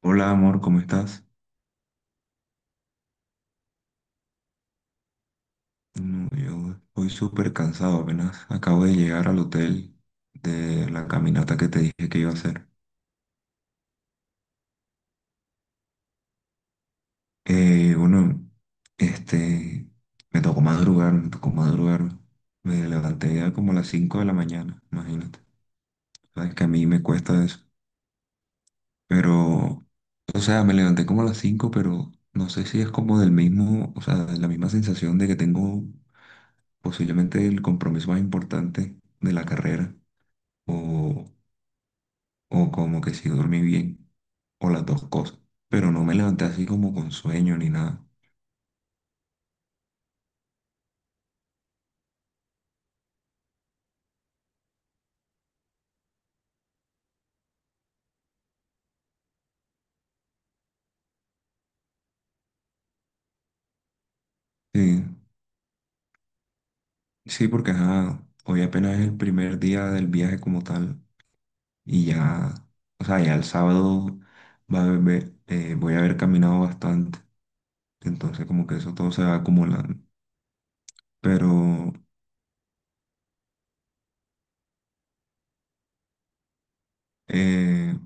Hola amor, ¿cómo estás? No, yo estoy súper cansado, apenas acabo de llegar al hotel de la caminata que te dije que iba a hacer. Bueno, este, me tocó madrugar, me tocó madrugar. Me levanté ya como a las 5 de la mañana, imagínate. Sabes que a mí me cuesta eso. Pero, o sea, me levanté como a las 5, pero no sé si es como del mismo, o sea, de la misma sensación de que tengo posiblemente el compromiso más importante de la carrera. O, o como que sí dormí bien, o las dos cosas. Pero no me levanté así como con sueño ni nada. Sí, sí, porque ajá, hoy apenas es el primer día del viaje como tal, y ya, o sea, ya el sábado voy a haber caminado bastante, entonces como que eso todo se va acumulando. Pero, eh,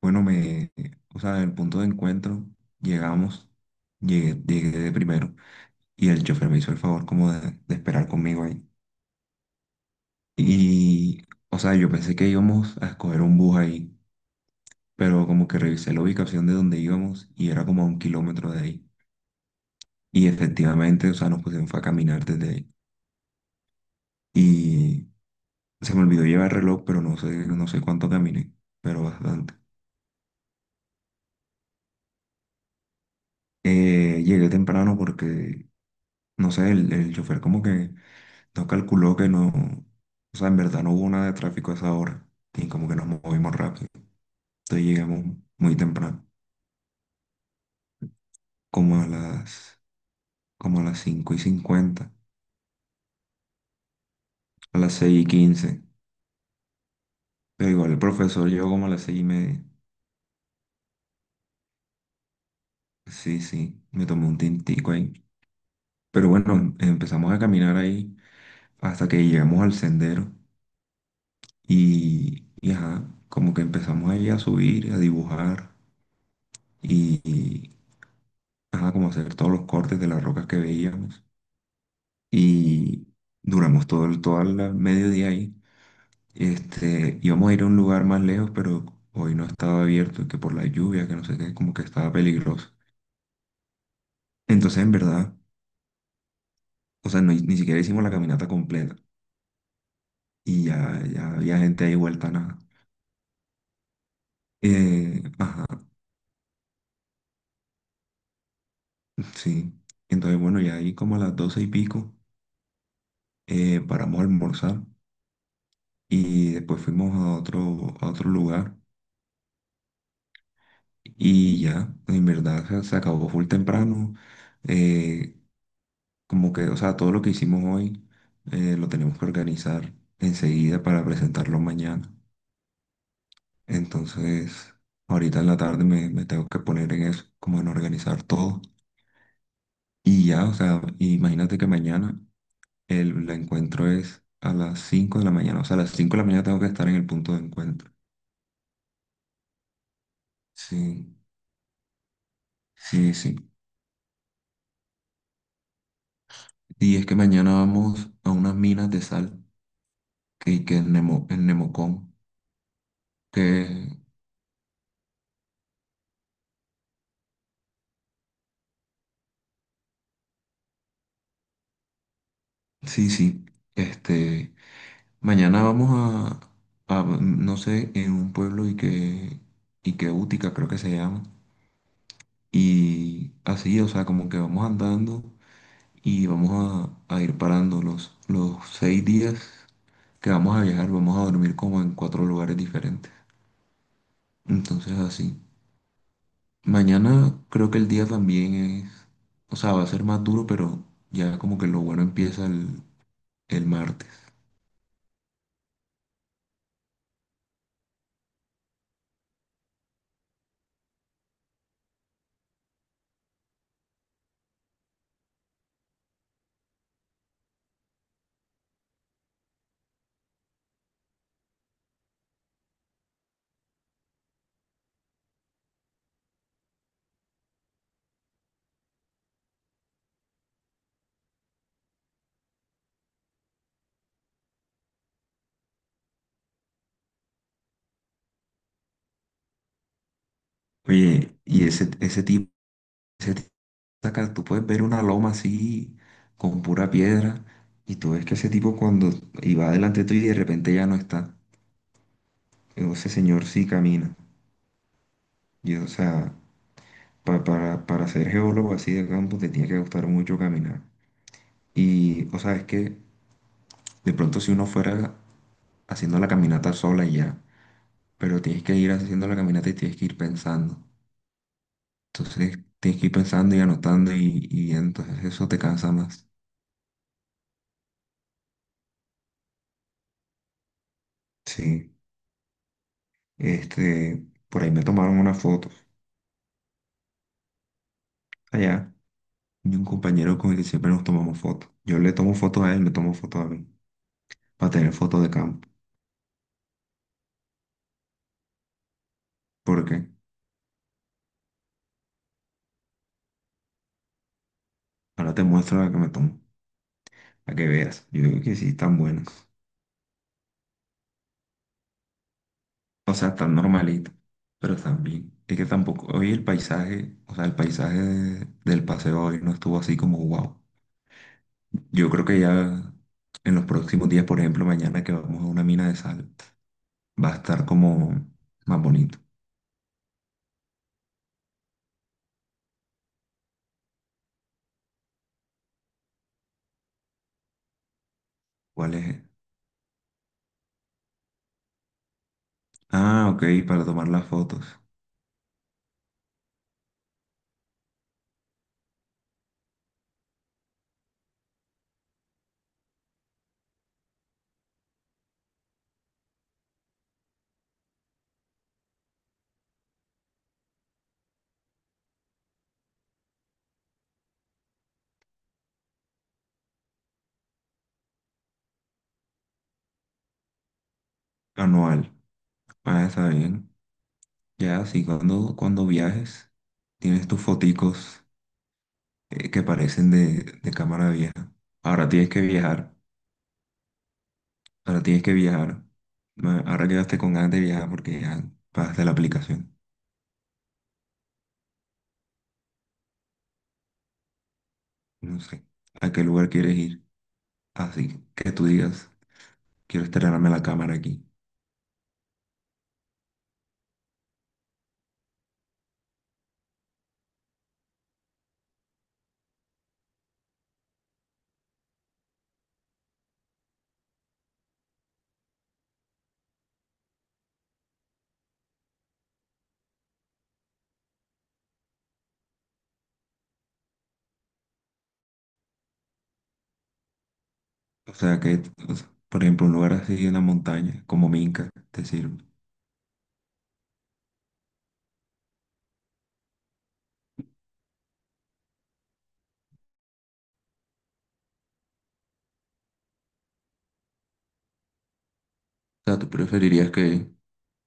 bueno, o sea, en el punto de encuentro, llegamos, llegué de primero, y el chofer me hizo el favor como de esperar conmigo ahí. Y, o sea, yo pensé que íbamos a escoger un bus ahí, pero como que revisé la ubicación de donde íbamos y era como a 1 kilómetro de ahí. Y efectivamente, o sea, nos pusimos fue a caminar desde ahí. Y se me olvidó llevar reloj, pero no sé, no sé cuánto caminé, pero bastante. Llegué temprano porque, no sé, el chofer como que no calculó que no, o sea, en verdad no hubo nada de tráfico a esa hora. Y como que nos movimos rápido. Entonces llegamos muy temprano, como a las como a las 5:50, a las 6:15. Pero igual el profesor llegó como a las 6:30. Sí, sí, me tomé un tintico ahí. Pero bueno, empezamos a caminar ahí hasta que llegamos al sendero y ajá, como que empezamos ahí a subir, a dibujar y, y, ajá, como hacer todos los cortes de las rocas que veíamos. Y duramos todo el mediodía ahí. Este, íbamos a ir a un lugar más lejos, pero hoy no estaba abierto, que por la lluvia, que no sé qué, como que estaba peligroso. Entonces, en verdad, o sea, ni siquiera hicimos la caminata completa y ya, ya había gente ahí vuelta a nada. Ajá, sí. Entonces, bueno, ya ahí como a las 12 y pico paramos a almorzar y después fuimos a otro lugar y ya, en verdad se acabó full temprano. Eh, Como que, o sea, todo lo que hicimos hoy lo tenemos que organizar enseguida para presentarlo mañana. Entonces, ahorita en la tarde me tengo que poner en eso, como en organizar todo. Y ya, o sea, imagínate que mañana el encuentro es a las 5 de la mañana. O sea, a las 5 de la mañana tengo que estar en el punto de encuentro. Sí, sí, sí. Y es que mañana vamos a unas minas de sal que en Nemocón, que sí, sí. Este, mañana vamos no sé, en un pueblo y que Útica creo que se llama. Y así, o sea, como que vamos andando y vamos a ir parando los 6 días que vamos a viajar, vamos a dormir como en cuatro lugares diferentes. Entonces así. Mañana creo que el día también es, o sea, va a ser más duro, pero ya como que lo bueno empieza el martes. Oye, y ese tipo, acá tú puedes ver una loma así con pura piedra y tú ves que ese tipo cuando iba delante tuyo y de repente ya no está. Ese señor sí camina. Y, o sea, para ser geólogo así de campo te tiene que gustar mucho caminar. Y, o sea, es que de pronto si uno fuera haciendo la caminata sola y ya, pero tienes que ir haciendo la caminata y tienes que ir pensando. Entonces tienes que ir pensando y anotando y entonces eso te cansa más. Sí, este, por ahí me tomaron una foto allá y un compañero con el que siempre nos tomamos fotos. Yo le tomo fotos a él, me tomo fotos a mí, para tener fotos de campo. ¿Por qué? Ahora te muestro la que me tomo, para que veas. Yo digo que sí, están buenas. O sea, están normalitas, pero están bien. Es que tampoco, hoy el paisaje, o sea, el paisaje del paseo hoy no estuvo así como wow. Yo creo que ya en los próximos días, por ejemplo, mañana que vamos a una mina de sal, va a estar como más bonito. ¿Cuál es? Ah, ok, para tomar las fotos. Anual. Ah, está bien. Ya, sí, cuando viajes, tienes tus foticos que parecen de, cámara vieja. Ahora tienes que viajar, ahora tienes que viajar. Ahora quedaste con ganas de viajar porque ya pagaste la aplicación. No sé, ¿a qué lugar quieres ir? Así que tú digas, quiero estrenarme la cámara aquí. O sea, o sea, por ejemplo, un lugar así en la montaña, como Minca, te sirve. O sea, tú preferirías que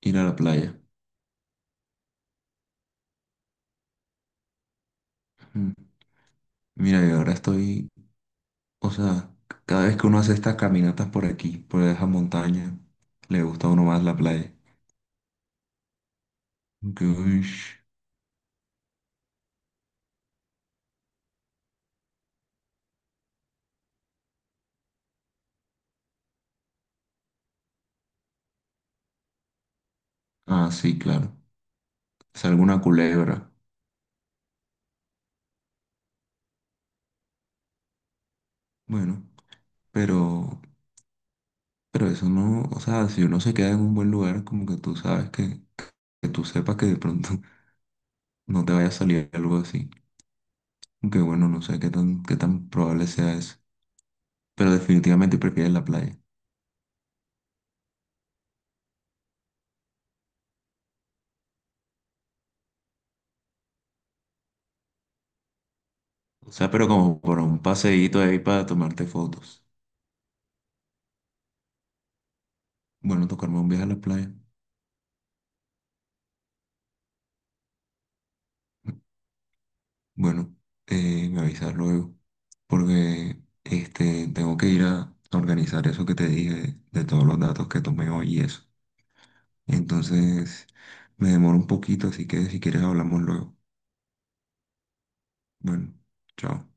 ir a la playa. Mm. Mira, yo ahora estoy o sea, cada vez que uno hace estas caminatas por aquí, por esa montaña, le gusta a uno más la playa. Que, uish. Ah, sí, claro. Es alguna culebra. Bueno, pero, pero eso no, o sea, si uno se queda en un buen lugar, como que tú sabes que tú sepas que de pronto no te vaya a salir algo así. Aunque bueno, no sé qué tan probable sea eso. Pero definitivamente prefieres la playa. O sea, pero como por un paseíto ahí para tomarte fotos. Bueno, tocarme un viaje a la playa. Bueno, me avisas luego, porque este, tengo que ir a organizar eso que te dije, de todos los datos que tomé hoy y eso. Entonces, me demoro un poquito, así que si quieres hablamos luego. Bueno, chao.